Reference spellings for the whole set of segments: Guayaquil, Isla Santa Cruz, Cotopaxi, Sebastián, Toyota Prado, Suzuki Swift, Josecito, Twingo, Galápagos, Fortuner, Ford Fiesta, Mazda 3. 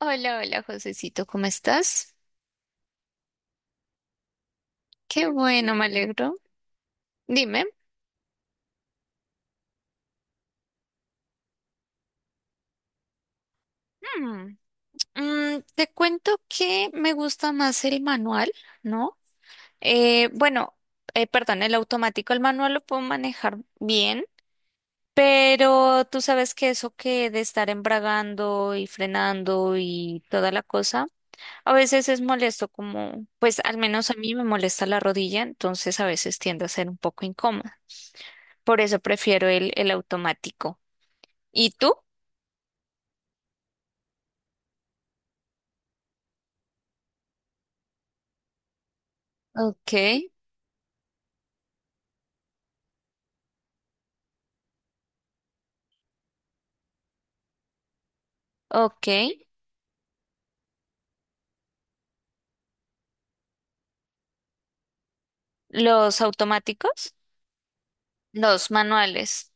Hola, hola, Josecito, ¿cómo estás? Qué bueno, me alegro. Dime. Mm, te cuento que me gusta más el manual, ¿no? Bueno, perdón, el automático, el manual lo puedo manejar bien, pero tú sabes que eso que de estar embragando y frenando y toda la cosa, a veces es molesto, como, pues al menos a mí me molesta la rodilla, entonces a veces tiende a ser un poco incómoda. Por eso prefiero el automático. ¿Y tú? Ok, ok. Los automáticos, los manuales.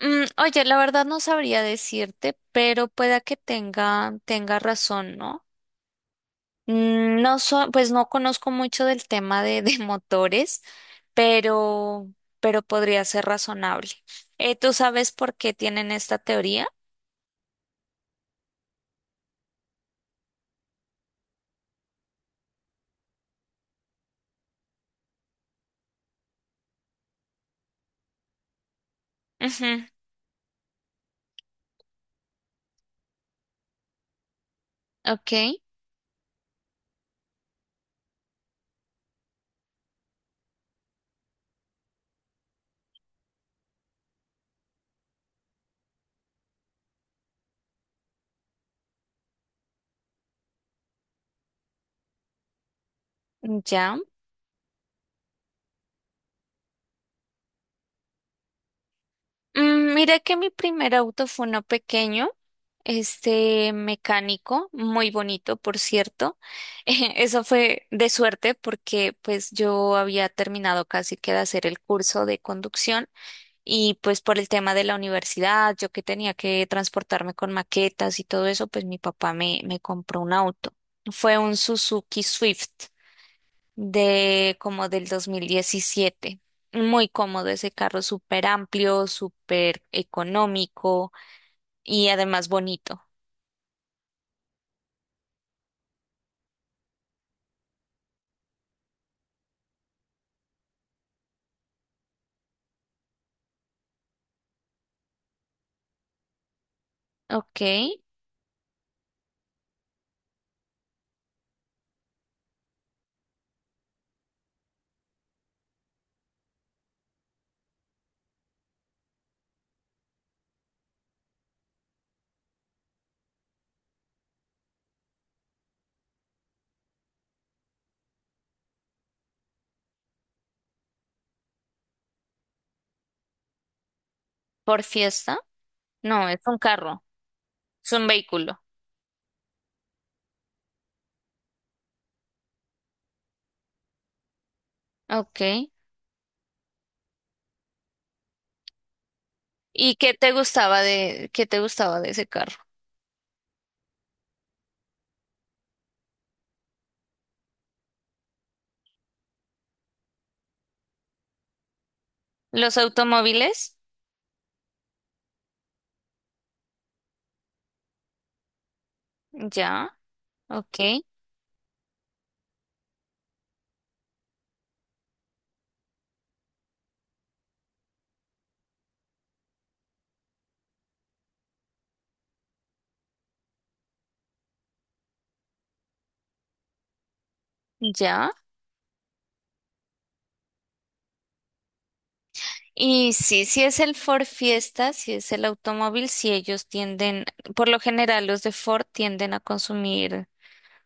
Mm, oye, la verdad no sabría decirte, pero pueda que tenga razón, ¿no? Mm, no pues no conozco mucho del tema de motores, pero, pero podría ser razonable. ¿Tú sabes por qué tienen esta teoría? Ujú. Ok, ya. Mm, mira que mi primer auto fue uno pequeño, este mecánico, muy bonito, por cierto. Eso fue de suerte porque pues yo había terminado casi que de hacer el curso de conducción y pues por el tema de la universidad, yo que tenía que transportarme con maquetas y todo eso, pues mi papá me compró un auto. Fue un Suzuki Swift de como del 2017. Muy cómodo ese carro, súper amplio, súper económico y además bonito. Ok, por fiesta. No, es un carro, es un vehículo. Ok. ¿Y qué te gustaba de, qué te gustaba de ese carro? ¿Los automóviles? Ya, ok, ya. Y sí, si es el Ford Fiesta, si es el automóvil, si ellos tienden, por lo general los de Ford tienden a consumir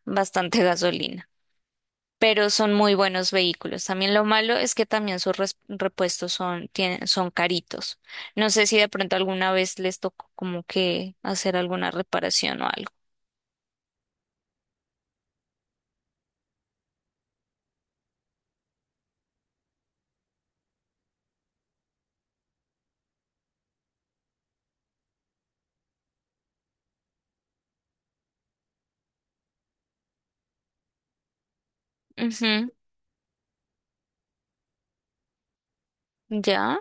bastante gasolina, pero son muy buenos vehículos. También lo malo es que también sus repuestos son, tienen, son caritos. No sé si de pronto alguna vez les tocó como que hacer alguna reparación o algo. Ujú. Ya,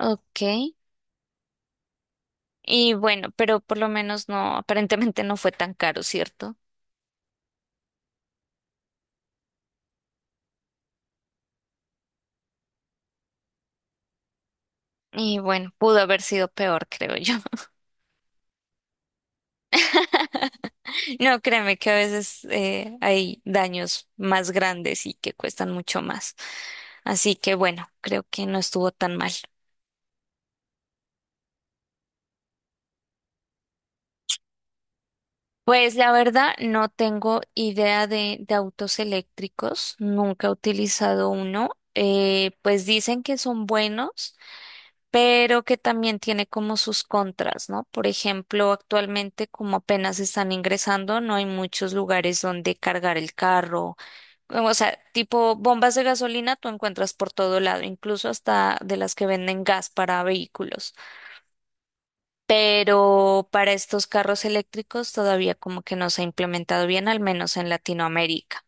ok. Y bueno, pero por lo menos no, aparentemente no fue tan caro, ¿cierto? Y bueno, pudo haber sido peor, creo yo. No, créeme que a veces hay daños más grandes y que cuestan mucho más. Así que bueno, creo que no estuvo tan mal. Pues la verdad no tengo idea de autos eléctricos, nunca he utilizado uno. Pues dicen que son buenos, pero que también tiene como sus contras, ¿no? Por ejemplo, actualmente como apenas están ingresando, no hay muchos lugares donde cargar el carro. O sea, tipo bombas de gasolina tú encuentras por todo lado, incluso hasta de las que venden gas para vehículos. Pero para estos carros eléctricos todavía como que no se ha implementado bien, al menos en Latinoamérica.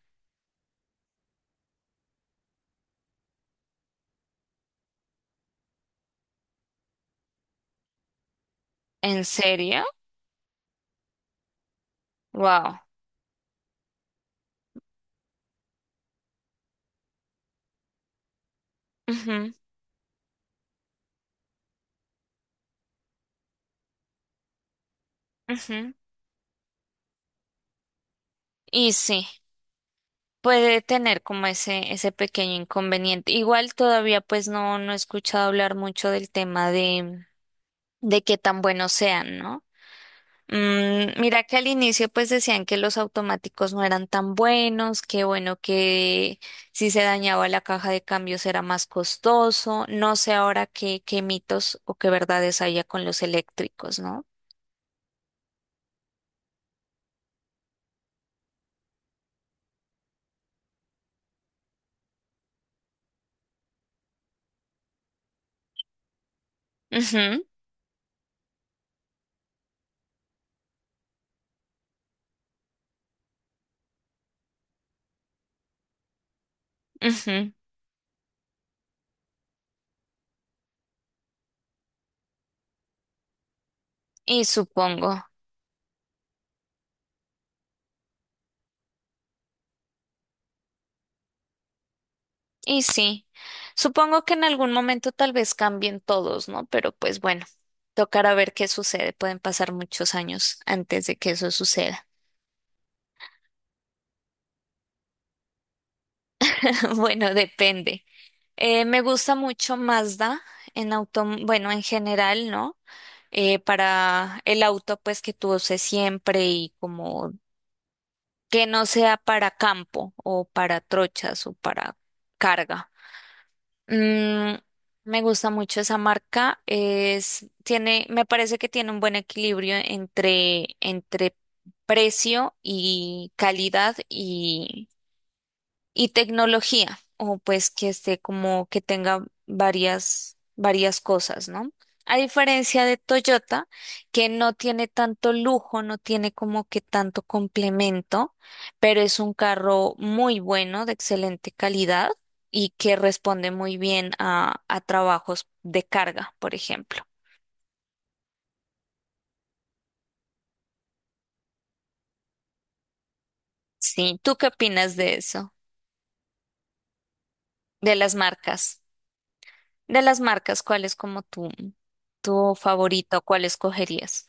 ¿En serio? Wow. Ujú, ujú. Y sí, puede tener como ese pequeño inconveniente. Igual todavía pues no, no he escuchado hablar mucho del tema de qué tan buenos sean, ¿no? Mm, mira que al inicio pues decían que los automáticos no eran tan buenos, que bueno, que si se dañaba la caja de cambios era más costoso. No sé ahora qué, qué mitos o qué verdades había con los eléctricos, ¿no? Ujú, ujú. Y supongo, y sí, supongo que en algún momento tal vez cambien todos, ¿no? Pero pues bueno, tocará ver qué sucede. Pueden pasar muchos años antes de que eso suceda. Bueno, depende. Me gusta mucho Mazda en auto, bueno, en general, ¿no? Para el auto, pues que tú uses siempre y como que no sea para campo o para trochas o para carga. Mm, me gusta mucho esa marca. Es, tiene, me parece que tiene un buen equilibrio entre precio y calidad y tecnología, o pues que esté como que tenga varias cosas, ¿no? A diferencia de Toyota, que no tiene tanto lujo, no tiene como que tanto complemento, pero es un carro muy bueno, de excelente calidad y que responde muy bien a trabajos de carga, por ejemplo. Sí, ¿tú qué opinas de eso? De las marcas. De las marcas, ¿cuál es como tu favorito? ¿Cuál escogerías?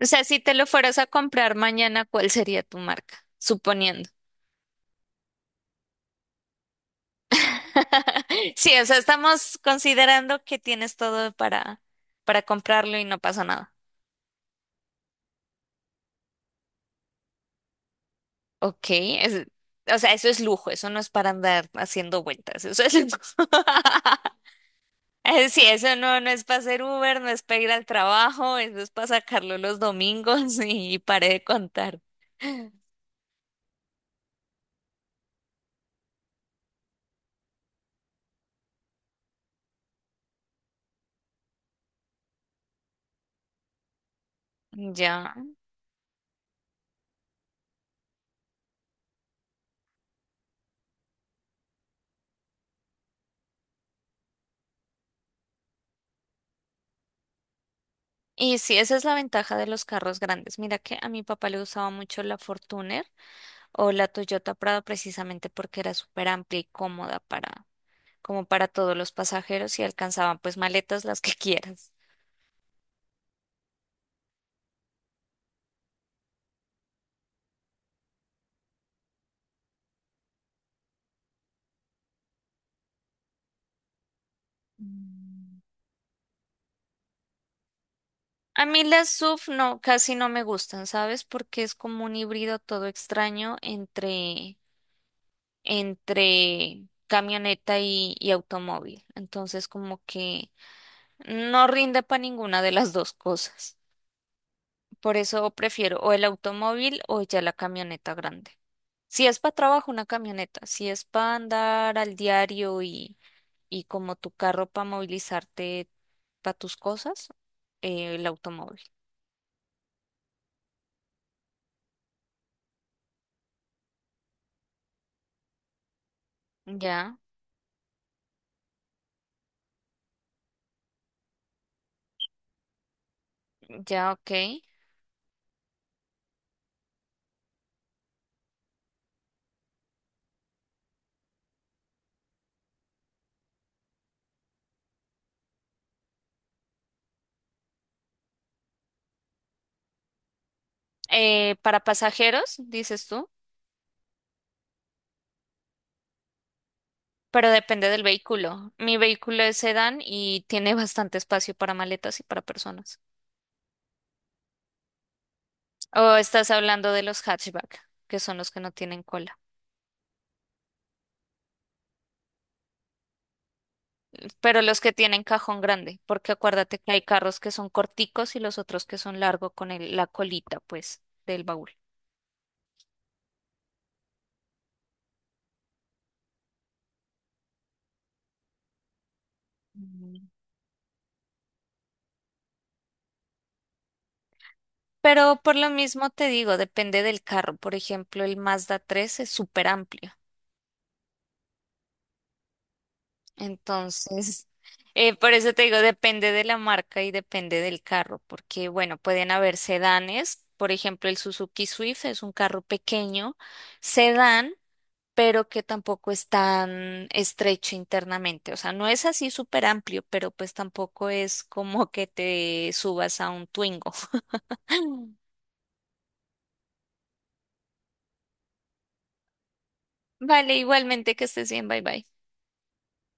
O sea, si te lo fueras a comprar mañana, ¿cuál sería tu marca? Suponiendo. Sí, o sea, estamos considerando que tienes todo para comprarlo y no pasa nada. Ok, o sea, eso es lujo, eso no es para andar haciendo vueltas, eso es lujo. Sí, eso no es para hacer Uber, no es para ir al trabajo, eso es para sacarlo los domingos y, paré de contar. Ya. Y sí, esa es la ventaja de los carros grandes. Mira que a mi papá le gustaba mucho la Fortuner o la Toyota Prado precisamente porque era súper amplia y cómoda para, como para todos los pasajeros y alcanzaban pues maletas las que quieras. A mí las SUV no, casi no me gustan, ¿sabes? Porque es como un híbrido todo extraño entre camioneta y automóvil. Entonces como que no rinde para ninguna de las dos cosas. Por eso prefiero o el automóvil o ya la camioneta grande. Si es para trabajo, una camioneta. Si es para andar al diario y como tu carro para movilizarte para tus cosas, el automóvil. Ya, ya, ok. Para pasajeros, dices tú, pero depende del vehículo. Mi vehículo es sedán y tiene bastante espacio para maletas y para personas. O estás hablando de los hatchback, que son los que no tienen cola. Pero los que tienen cajón grande, porque acuérdate que hay carros que son corticos y los otros que son largos con la colita, pues, del baúl. Mm. Pero por lo mismo te digo, depende del carro. Por ejemplo, el Mazda 3 es súper amplio. Entonces, por eso te digo, depende de la marca y depende del carro, porque bueno, pueden haber sedanes. Por ejemplo, el Suzuki Swift es un carro pequeño, sedán, pero que tampoco es tan estrecho internamente. O sea, no es así súper amplio, pero pues tampoco es como que te subas a un Twingo. Vale, igualmente que estés bien, bye bye.